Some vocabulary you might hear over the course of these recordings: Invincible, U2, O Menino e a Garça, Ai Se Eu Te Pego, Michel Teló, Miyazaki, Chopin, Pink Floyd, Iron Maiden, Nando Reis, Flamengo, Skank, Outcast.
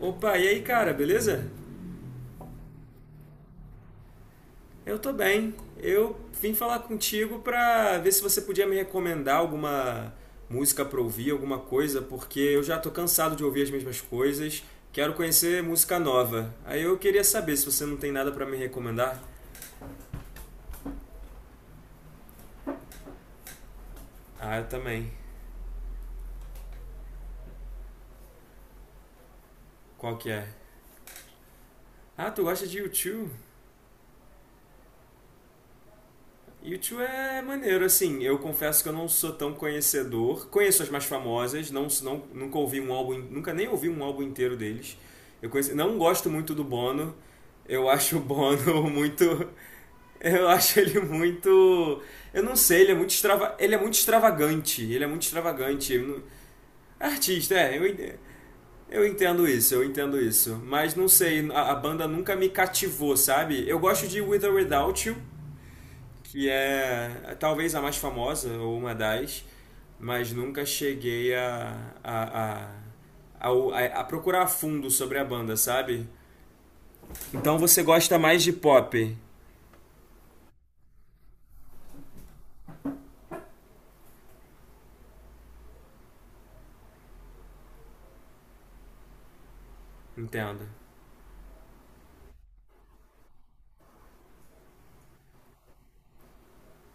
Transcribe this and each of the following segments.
Opa, e aí, cara, beleza? Eu tô bem. Eu vim falar contigo pra ver se você podia me recomendar alguma música pra ouvir, alguma coisa, porque eu já tô cansado de ouvir as mesmas coisas. Quero conhecer música nova. Aí eu queria saber se você não tem nada pra me recomendar. Ah, eu também. Qual que é? Ah, tu gosta de U2? U YouTube é maneiro, assim, eu confesso que eu não sou tão conhecedor. Conheço as mais famosas, não nunca ouvi um álbum, nunca nem ouvi um álbum inteiro deles. Eu conheci, não gosto muito do Bono. Eu acho o Bono muito, eu acho ele muito, eu não sei, ele é muito extravagante, ele é muito extravagante. Ele não- Artista, é, eu entendo isso, mas não sei, a banda nunca me cativou, sabe? Eu gosto de With or Without You, que é talvez a mais famosa ou uma das, mas nunca cheguei a, a, a, a procurar a fundo sobre a banda, sabe? Então você gosta mais de pop, entendo.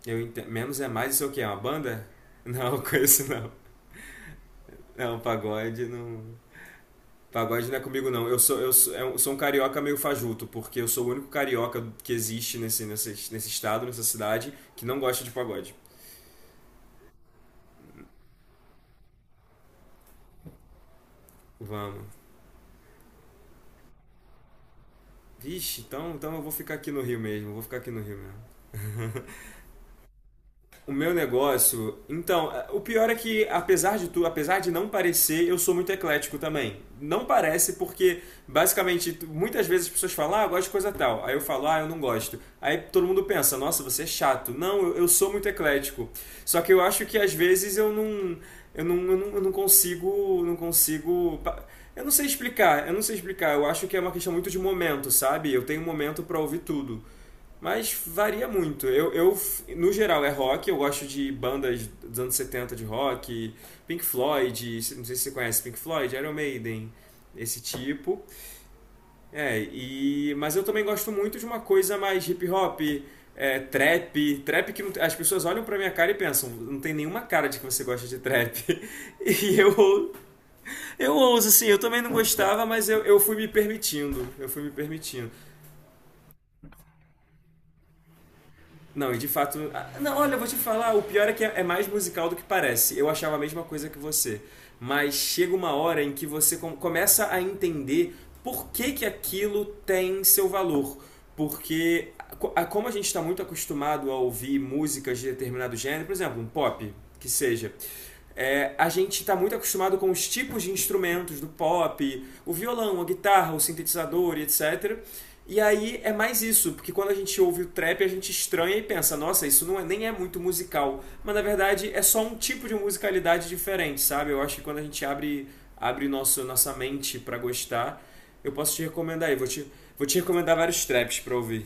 Eu entendo. Menos é mais, isso é o quê? É uma banda? Não, conheço não. Não, pagode não. Pagode não é comigo não. Eu sou um carioca meio fajuto, porque eu sou o único carioca que existe nesse estado, nessa cidade, que não gosta de pagode. Vamos. Vixe, então, então eu vou ficar aqui no Rio mesmo, vou ficar aqui no Rio mesmo. O meu negócio, então, é, o pior é que apesar de tudo, apesar de não parecer, eu sou muito eclético também. Não parece porque basicamente muitas vezes as pessoas falam: "Ah, eu gosto de coisa tal". Aí eu falo: "Ah, eu não gosto". Aí todo mundo pensa: "Nossa, você é chato". Não, eu sou muito eclético. Só que eu acho que às vezes eu não consigo, eu não sei explicar, eu não sei explicar. Eu acho que é uma questão muito de momento, sabe? Eu tenho um momento para ouvir tudo. Mas varia muito. No geral, é rock. Eu gosto de bandas dos anos 70 de rock, Pink Floyd, não sei se você conhece Pink Floyd, Iron Maiden, esse tipo. É, e, mas eu também gosto muito de uma coisa mais hip hop, é, trap. Trap que não- as pessoas olham pra minha cara e pensam, não tem nenhuma cara de que você gosta de trap. E eu ouso, assim, eu também não gostava, mas eu fui me permitindo. Eu fui me permitindo. Não, e de fato. Não, olha, eu vou te falar, o pior é que é mais musical do que parece. Eu achava a mesma coisa que você. Mas chega uma hora em que você começa a entender por que, que aquilo tem seu valor. Porque, como a gente está muito acostumado a ouvir músicas de determinado gênero, por exemplo, um pop, que seja. É, a gente está muito acostumado com os tipos de instrumentos do pop, o violão, a guitarra, o sintetizador, e etc. E aí é mais isso, porque quando a gente ouve o trap, a gente estranha e pensa, nossa, isso não é, nem é muito musical. Mas na verdade é só um tipo de musicalidade diferente, sabe? Eu acho que quando a gente abre nossa mente pra gostar, eu posso te recomendar aí. Vou te recomendar vários traps pra ouvir.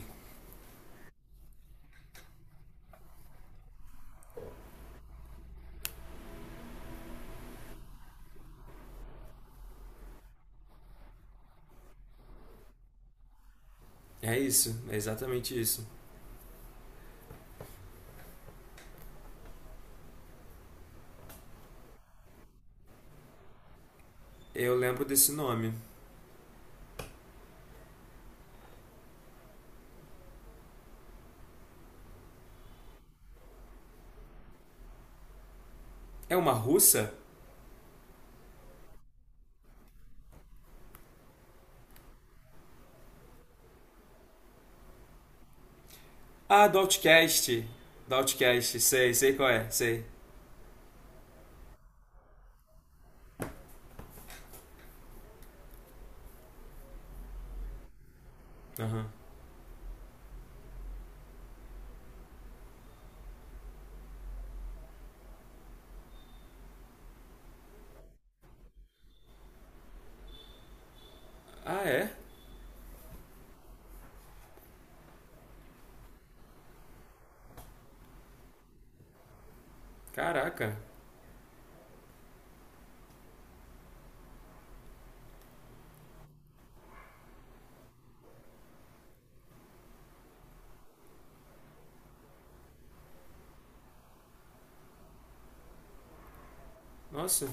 É isso, é exatamente isso. Eu lembro desse nome. É uma russa? Ah, do Outcast. Do Outcast, sei, sei qual é, sei. Aham. Ah, é? Caraca. Nossa,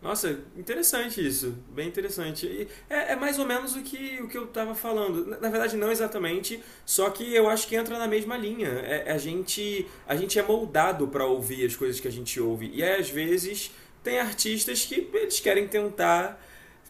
Nossa, interessante isso. Bem interessante. E é, é mais ou menos o que eu estava falando. Na, na verdade, não exatamente, só que eu acho que entra na mesma linha. É, é a gente é moldado para ouvir as coisas que a gente ouve. E aí, às vezes, tem artistas que eles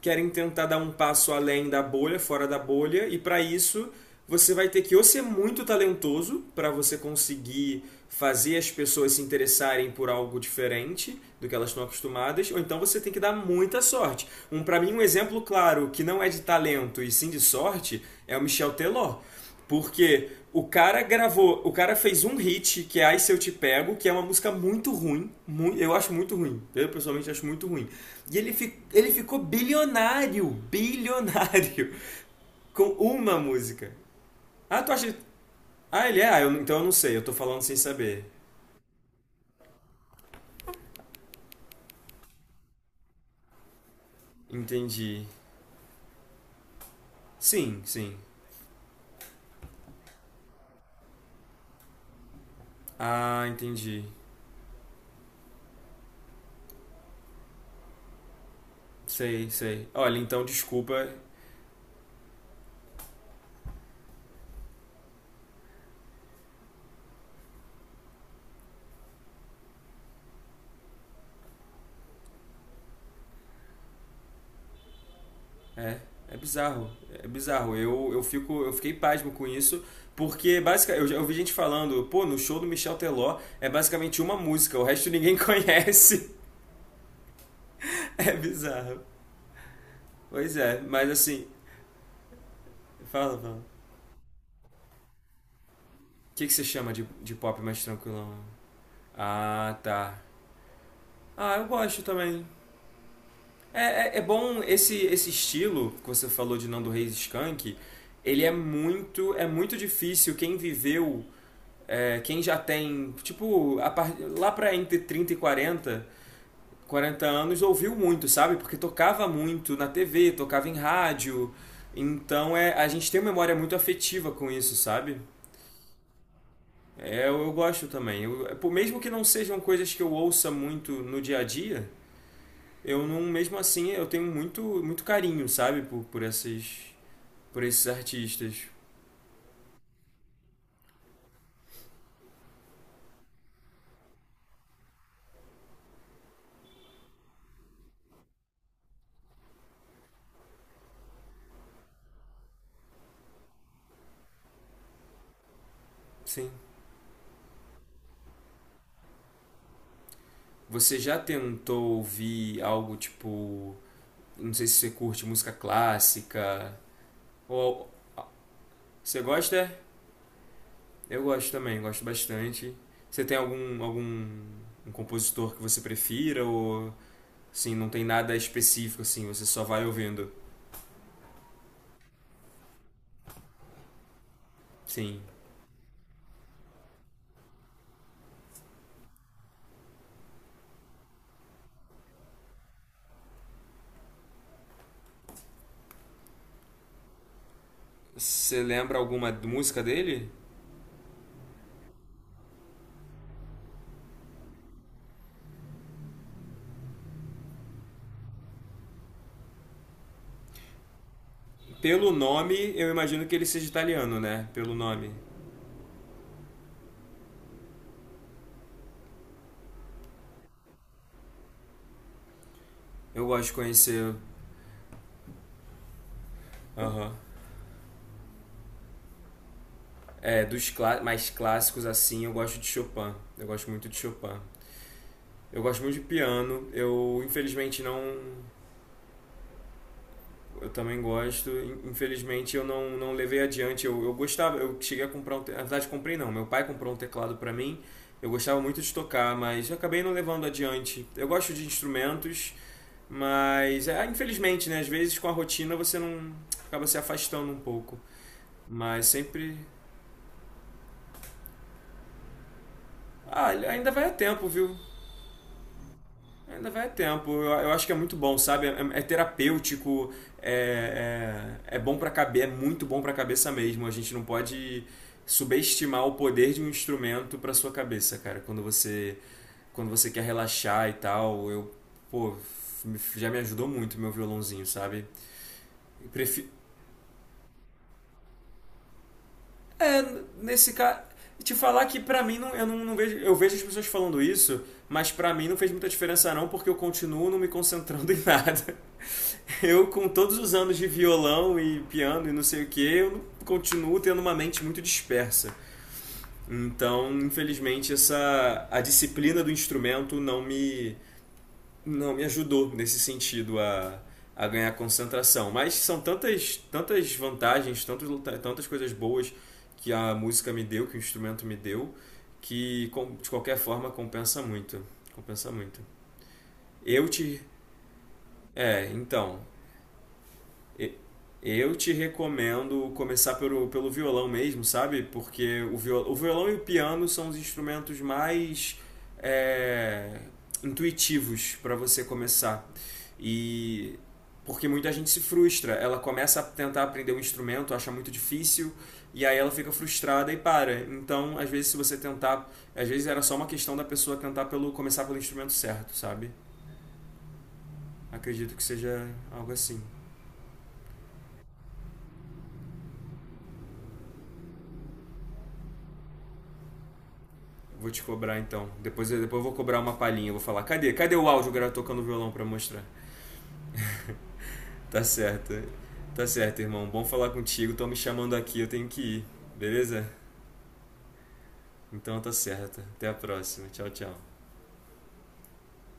querem tentar dar um passo além da bolha, fora da bolha, e para isso você vai ter que ou ser muito talentoso para você conseguir fazer as pessoas se interessarem por algo diferente do que elas estão acostumadas, ou então você tem que dar muita sorte. Um para mim um exemplo claro que não é de talento e sim de sorte é o Michel Teló. Porque o cara gravou, o cara fez um hit, que é Ai Se Eu Te Pego, que é uma música muito ruim. Eu acho muito ruim. Eu pessoalmente acho muito ruim. E ele, ele ficou bilionário. Bilionário. Com uma música. Ah, tu acha. Ah, ele é? Ah, eu então eu não sei. Eu tô falando sem saber. Entendi. Sim, sim. Ah, entendi. Sei, sei. Olha, então desculpa. É, é bizarro. É bizarro. Eu fiquei pasmo com isso, porque basicamente eu já ouvi gente falando, pô, no show do Michel Teló é basicamente uma música, o resto ninguém conhece. É bizarro. Pois é, mas assim, fala, fala. O que, que você chama de pop mais tranquilão? Ah, tá. Ah, eu gosto também. É, é, é bom esse estilo que você falou de Nando Reis e Skank, ele é muito difícil quem viveu é, quem já tem, tipo, lá pra entre 30 e 40, 40 anos, ouviu muito, sabe? Porque tocava muito na TV, tocava em rádio. Então é, a gente tem uma memória muito afetiva com isso, sabe? É, eu gosto também. Mesmo que não sejam coisas que eu ouça muito no dia a dia, eu não, mesmo assim, eu tenho muito, muito carinho, sabe? Por esses artistas. Sim. Você já tentou ouvir algo tipo. Não sei se você curte música clássica. Ou. Você gosta? Eu gosto também, gosto bastante. Você tem algum compositor que você prefira? Ou. Assim, não tem nada específico, assim, você só vai ouvindo? Sim. Você lembra alguma música dele? Pelo nome, eu imagino que ele seja italiano, né? Pelo nome. Eu gosto de conhecer. Aham. É, mais clássicos assim, eu gosto de Chopin. Eu gosto muito de Chopin. Eu gosto muito de piano. Eu infelizmente não. Eu também gosto. In- Infelizmente eu não, não levei adiante. Eu gostava, eu cheguei a comprar um. Na verdade, comprei não. Meu pai comprou um teclado pra mim. Eu gostava muito de tocar, mas eu acabei não levando adiante. Eu gosto de instrumentos, mas é, infelizmente, né? Às vezes com a rotina você não acaba se afastando um pouco. Mas sempre. Ah, ainda vai a tempo, viu? Ainda vai tempo. Eu acho que é muito bom, sabe? É, é terapêutico, é, é, é bom pra cabeça, é muito bom pra cabeça mesmo. A gente não pode subestimar o poder de um instrumento pra sua cabeça, cara. Quando você quer relaxar e tal, eu, pô, já me ajudou muito meu violãozinho, sabe? Prefiro... É, nesse caso. Te falar que pra mim não, eu não, não vejo. Eu vejo as pessoas falando isso, mas pra mim não fez muita diferença não, porque eu continuo não me concentrando em nada. Eu, com todos os anos de violão e piano e não sei o que, eu continuo tendo uma mente muito dispersa. Então, infelizmente, essa a disciplina do instrumento não me ajudou nesse sentido a ganhar concentração. Mas são tantas vantagens, tantas coisas boas que a música me deu, que o instrumento me deu, que de qualquer forma compensa muito, compensa muito. Eu te é, então, E- Eu te recomendo começar pelo violão mesmo, sabe? Porque o violão e o piano são os instrumentos mais é, intuitivos para você começar. E porque muita gente se frustra, ela começa a tentar aprender um instrumento, acha muito difícil, e aí ela fica frustrada e para. Então, às vezes, se você tentar, às vezes era só uma questão da pessoa tentar pelo começar pelo instrumento certo, sabe? Acredito que seja algo assim. Vou te cobrar então. Depois eu vou cobrar uma palhinha. Vou falar, cadê? Cadê o áudio? O cara tocando violão pra mostrar. Tá certo. Tá certo, irmão. Bom falar contigo. Estão me chamando aqui, eu tenho que ir. Beleza? Então tá certo. Até a próxima. Tchau, tchau.